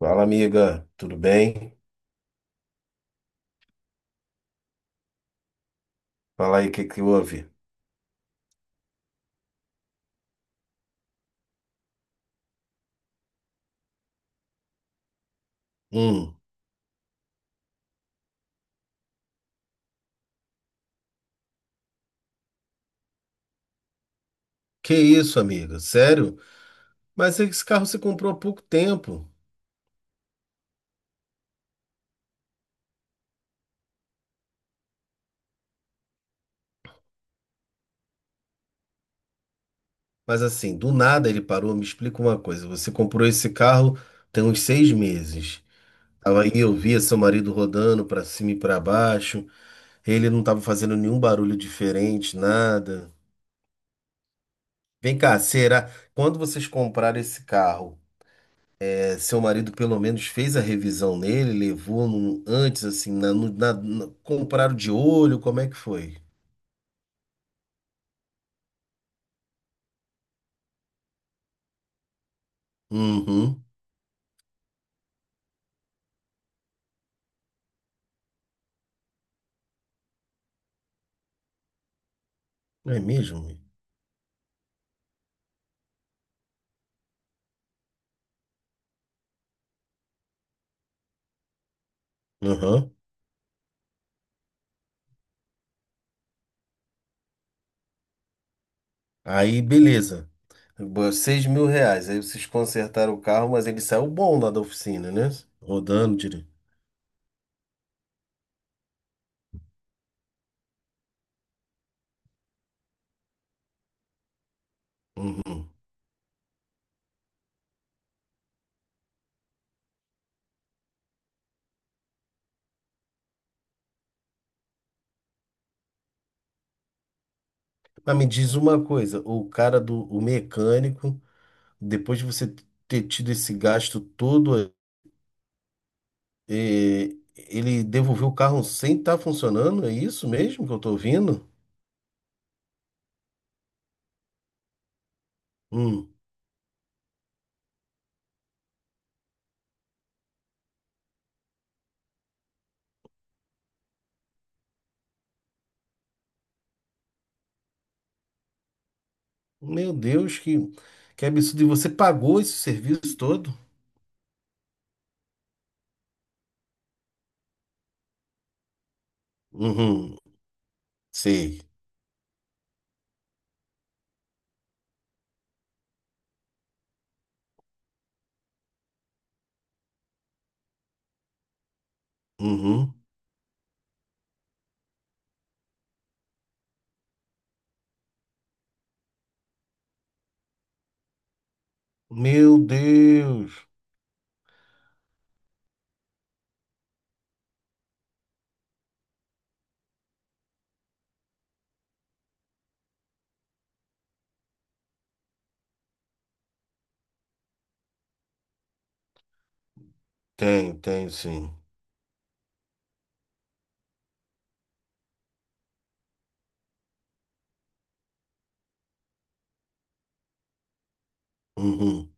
Fala, amiga, tudo bem? Fala aí o que que houve. Hum, que isso, amiga? Sério? Mas esse carro você comprou há pouco tempo. Mas assim, do nada ele parou. Me explica uma coisa. Você comprou esse carro tem uns 6 meses. Tava aí, eu via seu marido rodando pra cima e pra baixo. Ele não tava fazendo nenhum barulho diferente, nada. Vem cá, será? Quando vocês compraram esse carro? Seu marido pelo menos fez a revisão nele, levou antes, assim, na, no- na- na- compraram de olho, como é que foi? Uhum, é mesmo? Uhum. Aí, beleza. R$ 6.000. Aí vocês consertaram o carro, mas ele saiu bom lá da oficina, né? Rodando direito. Uhum. Mas me diz uma coisa, o cara do o mecânico, depois de você ter tido esse gasto todo, eh, ele devolveu o carro sem estar funcionando? É isso mesmo que eu tô ouvindo? Hum. Meu Deus, que absurdo. E você pagou esse serviço todo? Uhum. Sei. Uhum. Meu Deus. Tem, tem, sim. Uhum.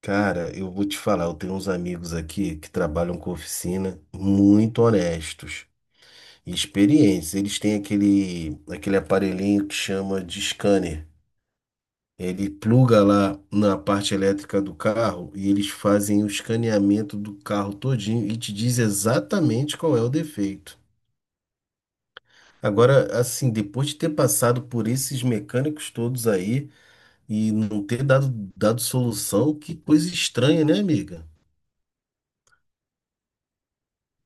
Cara, eu vou te falar, eu tenho uns amigos aqui que trabalham com oficina muito honestos e experientes. Eles têm aquele aparelhinho que chama de scanner. Ele pluga lá na parte elétrica do carro e eles fazem o escaneamento do carro todinho e te diz exatamente qual é o defeito. Agora, assim, depois de ter passado por esses mecânicos todos aí e não ter dado solução, que coisa estranha, né, amiga?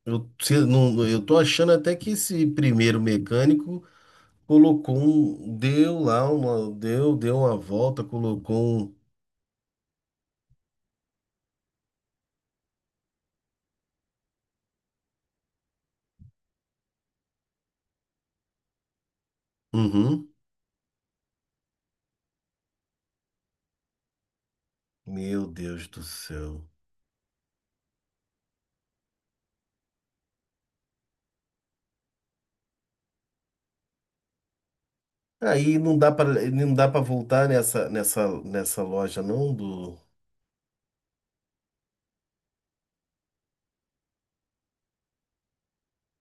Eu, se- não, Eu tô achando até que esse primeiro mecânico colocou um, deu lá uma, deu uma volta, colocou um. Uhum. Meu Deus do céu. Aí não dá para voltar nessa loja não do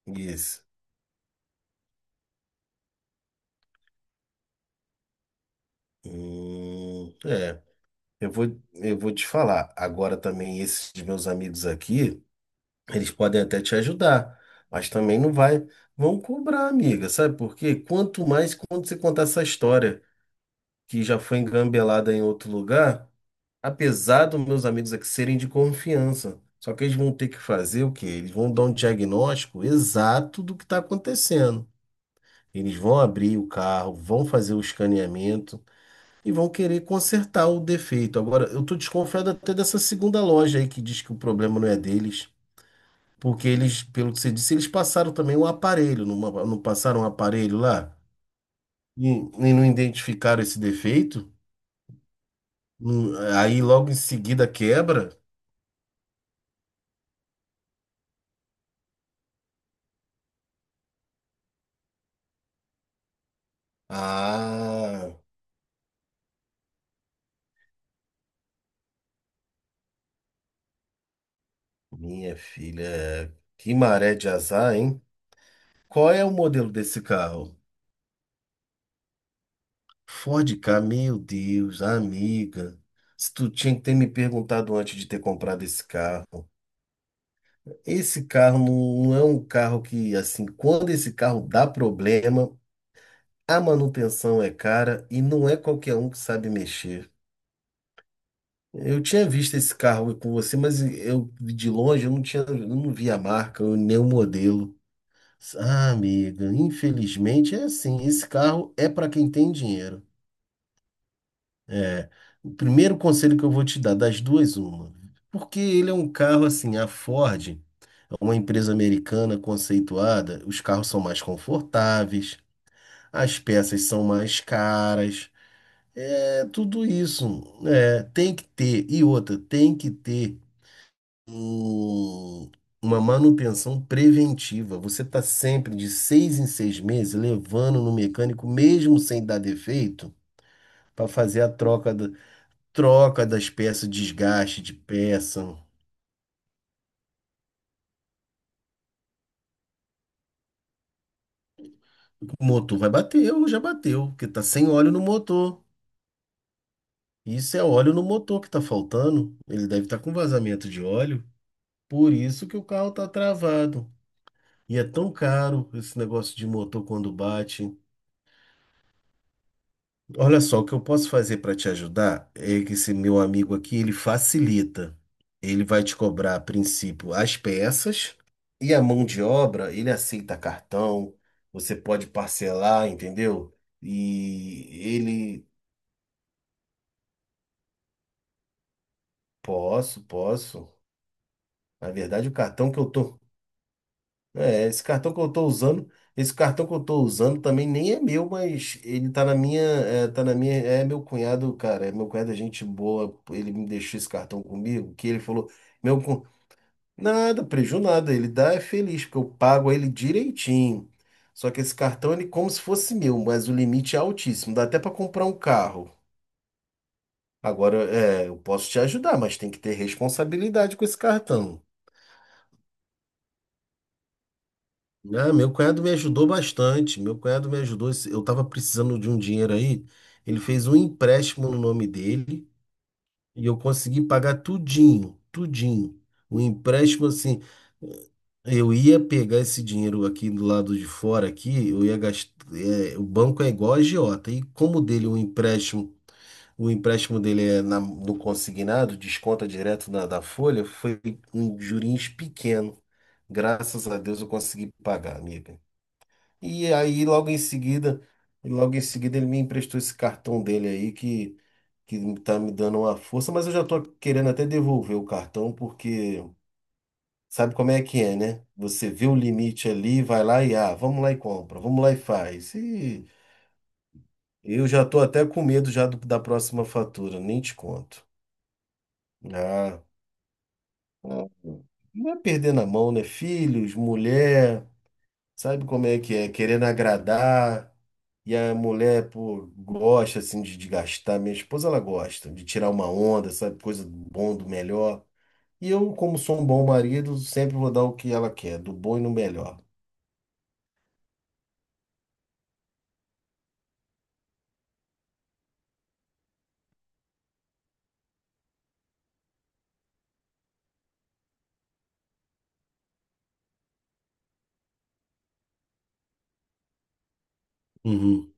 Guiz. É, eu vou eu vou te falar. Agora também esses de meus amigos aqui, eles podem até te ajudar, mas também não vai vão cobrar, amiga, sabe? Por quê? Quanto mais quando você contar essa história que já foi engambelada em outro lugar, apesar dos meus amigos aqui serem de confiança, só que eles vão ter que fazer o quê? Eles vão dar um diagnóstico exato do que está acontecendo. Eles vão abrir o carro, vão fazer o escaneamento e vão querer consertar o defeito. Agora, eu estou desconfiado até dessa segunda loja aí que diz que o problema não é deles, porque eles, pelo que você disse, eles passaram também o aparelho, não passaram um aparelho lá e não identificaram esse defeito. Aí logo em seguida quebra. Ah, minha filha, que maré de azar, hein? Qual é o modelo desse carro? Ford Ka, meu Deus, amiga. Se tu tinha que ter me perguntado antes de ter comprado esse carro. Esse carro não é um carro que, assim, quando esse carro dá problema, a manutenção é cara e não é qualquer um que sabe mexer. Eu tinha visto esse carro com você, mas eu de longe eu não tinha, eu não vi a marca, nem o modelo. Ah, amiga, infelizmente é assim, esse carro é para quem tem dinheiro. É, o primeiro conselho que eu vou te dar, das duas, uma. Porque ele é um carro assim, a Ford é uma empresa americana conceituada, os carros são mais confortáveis, as peças são mais caras, é tudo isso. É, tem que ter, e outra, tem que ter um- uma manutenção preventiva. Você está sempre de 6 em 6 meses levando no mecânico, mesmo sem dar defeito, para fazer a troca. Troca das peças, desgaste de peça. O motor vai bater, ou já bateu, porque tá sem óleo no motor. Isso é óleo no motor que tá faltando. Ele deve estar com vazamento de óleo. Por isso que o carro tá travado. E é tão caro esse negócio de motor quando bate. Olha só, o que eu posso fazer para te ajudar é que esse meu amigo aqui, ele facilita. Ele vai te cobrar, a princípio, as peças e a mão de obra, ele aceita cartão, você pode parcelar, entendeu? E ele, posso, posso. Na verdade, o cartão que eu tô É, esse cartão que eu tô usando, esse cartão que eu tô usando também nem é meu, mas ele tá na minha, é meu cunhado, cara, é meu cunhado é gente boa, ele me deixou esse cartão comigo, que ele falou, meu, cu- nada, preju nada, ele dá é feliz, porque eu pago ele direitinho. Só que esse cartão, ele é como se fosse meu, mas o limite é altíssimo, dá até pra comprar um carro. Agora, eu posso te ajudar, mas tem que ter responsabilidade com esse cartão. Ah, meu cunhado me ajudou bastante. Meu cunhado me ajudou. Eu estava precisando de um dinheiro aí. Ele fez um empréstimo no nome dele e eu consegui pagar tudinho, tudinho. O empréstimo assim, eu ia pegar esse dinheiro aqui do lado de fora aqui, eu ia gastar, o banco é igual a agiota. E como o dele o empréstimo dele é no consignado, desconta direto da folha, foi um juros pequeno. Graças a Deus eu consegui pagar, amiga. E aí, logo em seguida, ele me emprestou esse cartão dele aí que tá me dando uma força, mas eu já tô querendo até devolver o cartão, porque sabe como é que é, né? Você vê o limite ali, vai lá e vamos lá e compra, vamos lá e faz. E eu já tô até com medo já da próxima fatura, nem te conto. Ah, ah, não é perder na mão, né? Filhos, mulher. Sabe como é que é? Querendo agradar. E a mulher, pô, gosta assim de gastar. Minha esposa, ela gosta de tirar uma onda, sabe? Coisa do bom, do melhor. E eu, como sou um bom marido, sempre vou dar o que ela quer, do bom e no melhor. Uhum.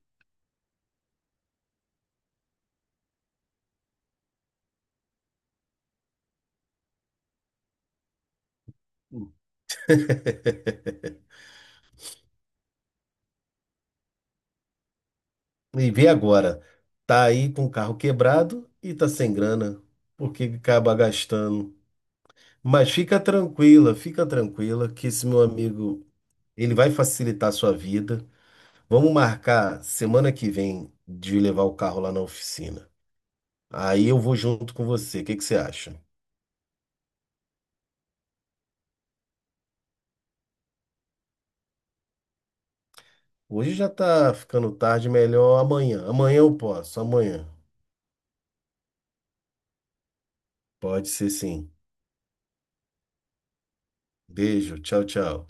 E vê agora, tá aí com o carro quebrado e tá sem grana, porque acaba gastando. Mas fica tranquila que esse meu amigo, ele vai facilitar a sua vida. Vamos marcar semana que vem de levar o carro lá na oficina. Aí eu vou junto com você. O que que você acha? Hoje já tá ficando tarde, melhor amanhã. Amanhã eu posso, amanhã. Pode ser sim. Beijo, tchau, tchau.